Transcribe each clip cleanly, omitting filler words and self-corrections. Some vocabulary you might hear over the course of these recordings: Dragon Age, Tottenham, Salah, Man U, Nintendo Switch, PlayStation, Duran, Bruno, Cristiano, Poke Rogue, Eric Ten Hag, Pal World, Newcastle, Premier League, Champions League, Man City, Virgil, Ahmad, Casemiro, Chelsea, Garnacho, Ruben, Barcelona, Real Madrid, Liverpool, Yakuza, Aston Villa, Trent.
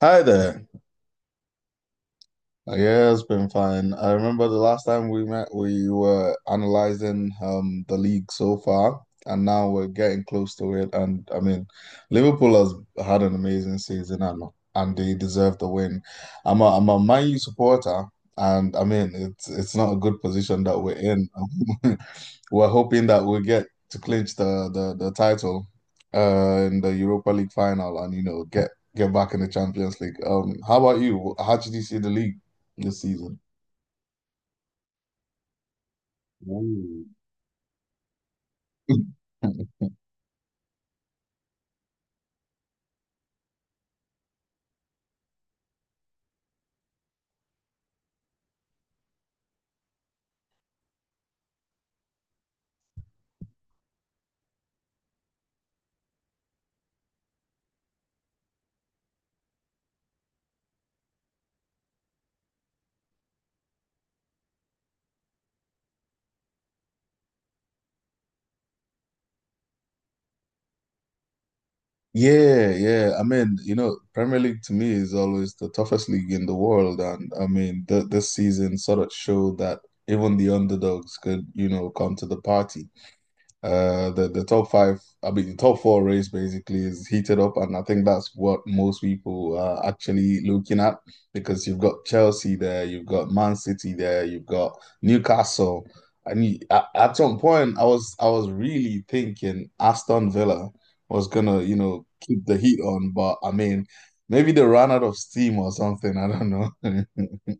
Hi there. Yeah, it's been fine. I remember the last time we met, we were analyzing the league so far, and now we're getting close to it. And I mean, Liverpool has had an amazing season, and they deserve the win. I'm a Man U supporter, and I mean, it's not a good position that we're in. We're hoping that we'll get to clinch the title, in the Europa League final, and get back in the Champions League. How about you? How did you see the league this season? Ooh. Yeah, yeah. I mean, Premier League to me is always the toughest league in the world, and I mean, th this season sort of showed that even the underdogs could come to the party. The top five, I mean, the top four race basically is heated up, and I think that's what most people are actually looking at because you've got Chelsea there, you've got Man City there, you've got Newcastle, and you, at some point, I was really thinking Aston Villa was gonna, keep the heat on, but I mean, maybe they ran out of steam or something. I don't know.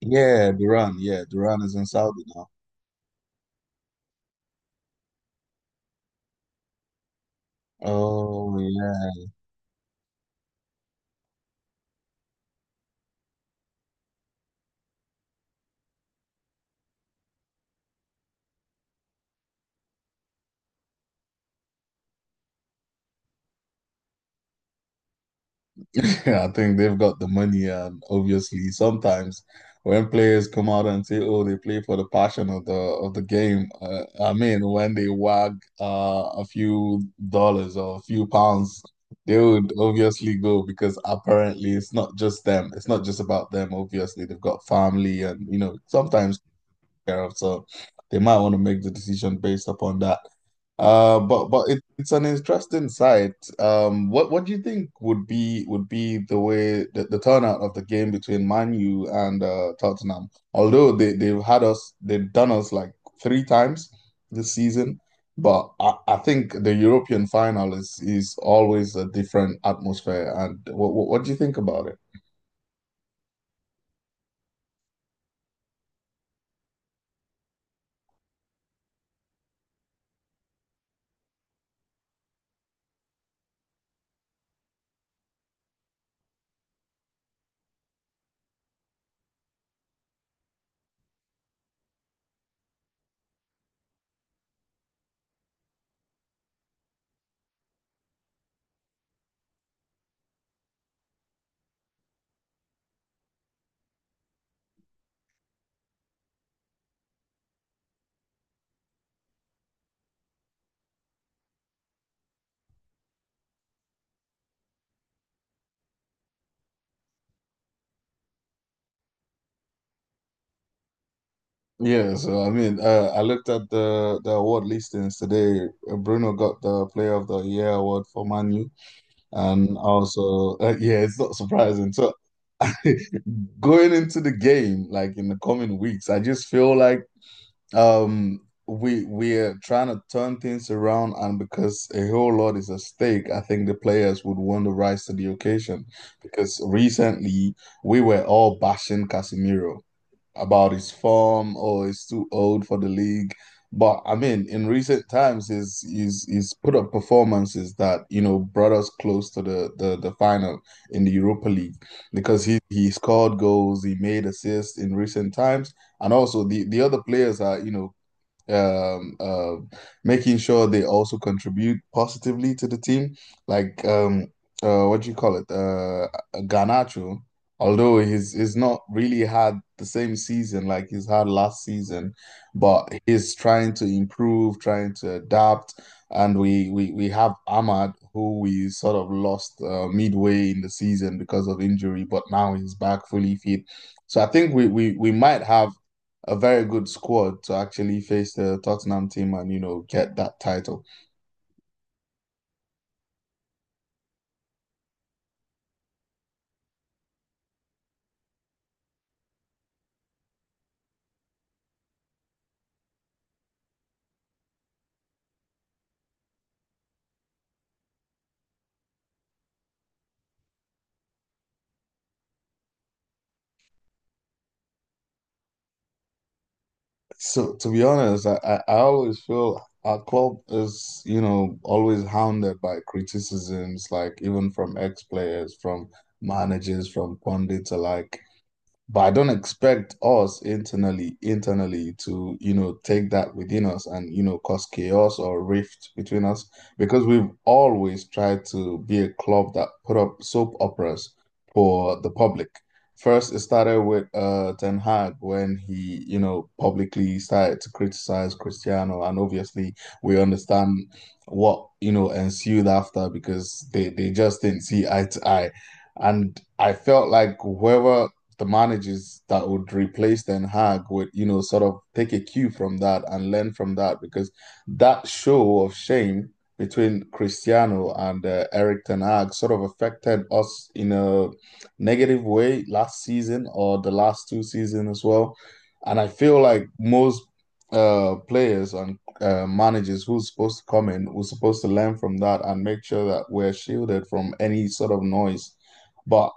Yeah, Duran. Yeah, Duran is in Saudi now. Oh yeah. I think they've got the money, and obviously, sometimes when players come out and say, "Oh, they play for the passion of the game," I mean, when they wag a few dollars or a few pounds, they would obviously go because apparently it's not just them. It's not just about them. Obviously, they've got family, and sometimes care of. So they might want to make the decision based upon that. But it's an interesting site. What do you think would be the way the turnout of the game between Man U and Tottenham? Although they've done us like three times this season, but I think the European final is always a different atmosphere. And what do you think about it? Yeah, so I mean, I looked at the award listings today. Bruno got the Player of the Year award for Manu, and also, yeah, it's not surprising. So, going into the game, like in the coming weeks, I just feel like um we're trying to turn things around, and because a whole lot is at stake, I think the players would want to rise to the occasion. Because recently we were all bashing Casemiro about his form or he's too old for the league. But I mean, in recent times, he's put up performances that brought us close to the final in the Europa League because he scored goals, he made assists in recent times, and also the other players are um, uh, making sure they also contribute positively to the team. Like what do you call it? Garnacho, although he's not really had the same season like he's had last season, but he's trying to improve, trying to adapt. And we have Ahmad, who we sort of lost midway in the season because of injury, but now he's back fully fit. So I think we might have a very good squad to actually face the Tottenham team and get that title. So to be honest, I always feel our club is always hounded by criticisms, like even from ex-players, from managers, from pundits alike. But I don't expect us internally to, take that within us and, cause chaos or rift between us because we've always tried to be a club that put up soap operas for the public. First, it started with Ten Hag when he, publicly started to criticize Cristiano, and obviously we understand what, ensued after because they just didn't see eye to eye. And I felt like whoever the managers that would replace Ten Hag would, sort of take a cue from that and learn from that because that show of shame between Cristiano and Eric Ten Hag sort of affected us in a negative way last season or the last two seasons as well. And I feel like most players and managers who's supposed to come in who's supposed to learn from that and make sure that we're shielded from any sort of noise. But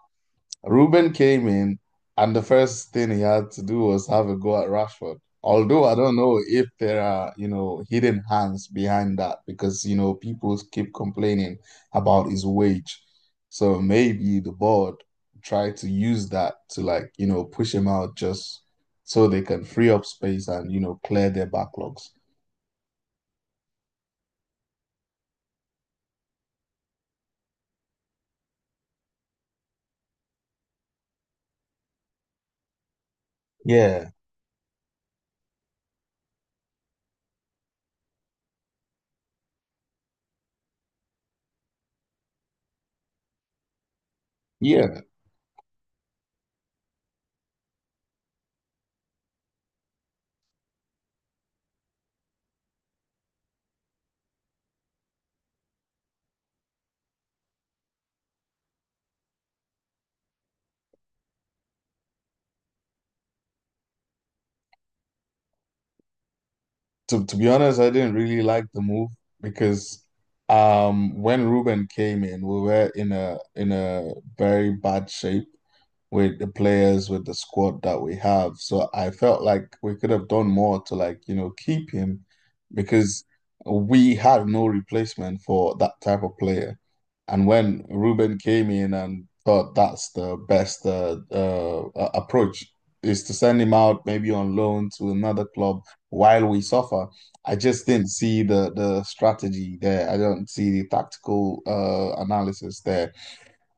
Ruben came in, and the first thing he had to do was have a go at Rashford. Although I don't know if there are, hidden hands behind that because, people keep complaining about his wage. So maybe the board tried to use that to like, push him out just so they can free up space and, clear their backlogs. Yeah. Yeah. To be honest, I didn't really like the move because when Ruben came in, we were in a very bad shape with the players, with the squad that we have. So I felt like we could have done more to like, keep him because we had no replacement for that type of player. And when Ruben came in and thought that's the best approach is to send him out maybe on loan to another club while we suffer. I just didn't see the strategy there. I don't see the tactical analysis there.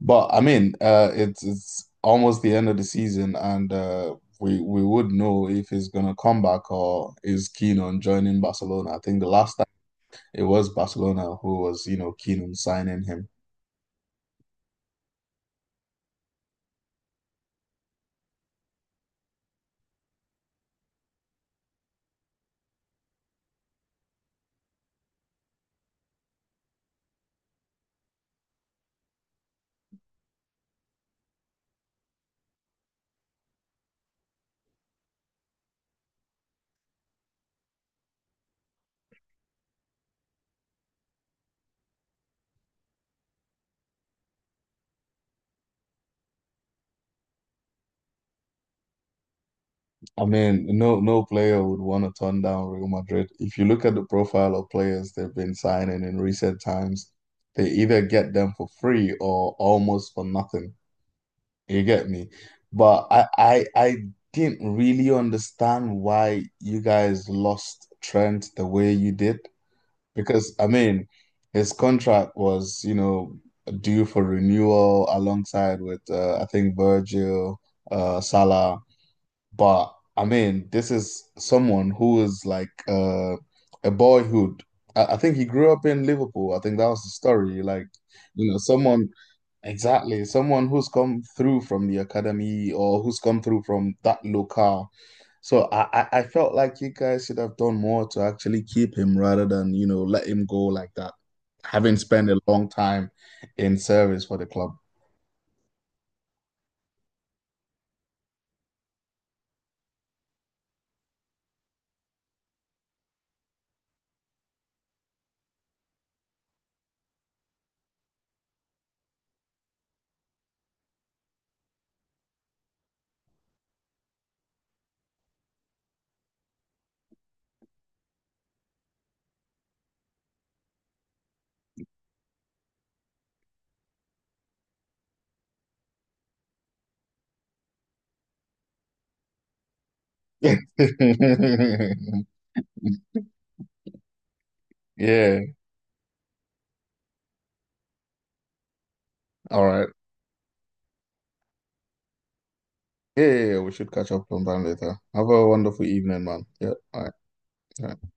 But I mean, it's almost the end of the season, and we would know if he's gonna come back or is keen on joining Barcelona. I think the last time it was Barcelona who was, keen on signing him. I mean, no player would want to turn down Real Madrid. If you look at the profile of players they've been signing in recent times, they either get them for free or almost for nothing. You get me? But I didn't really understand why you guys lost Trent the way you did. Because I mean, his contract was, due for renewal alongside with I think Virgil, Salah. But I mean, this is someone who is like a boyhood. I think he grew up in Liverpool. I think that was the story. Like, you know, someone exactly. Someone who's come through from the academy or who's come through from that locale. So I felt like you guys should have done more to actually keep him rather than, let him go like that, having spent a long time in service for the club. Yeah. All right. Yeah, yeah, yeah. We should catch up sometime later. Have a wonderful evening, man. Yeah. All right. All right.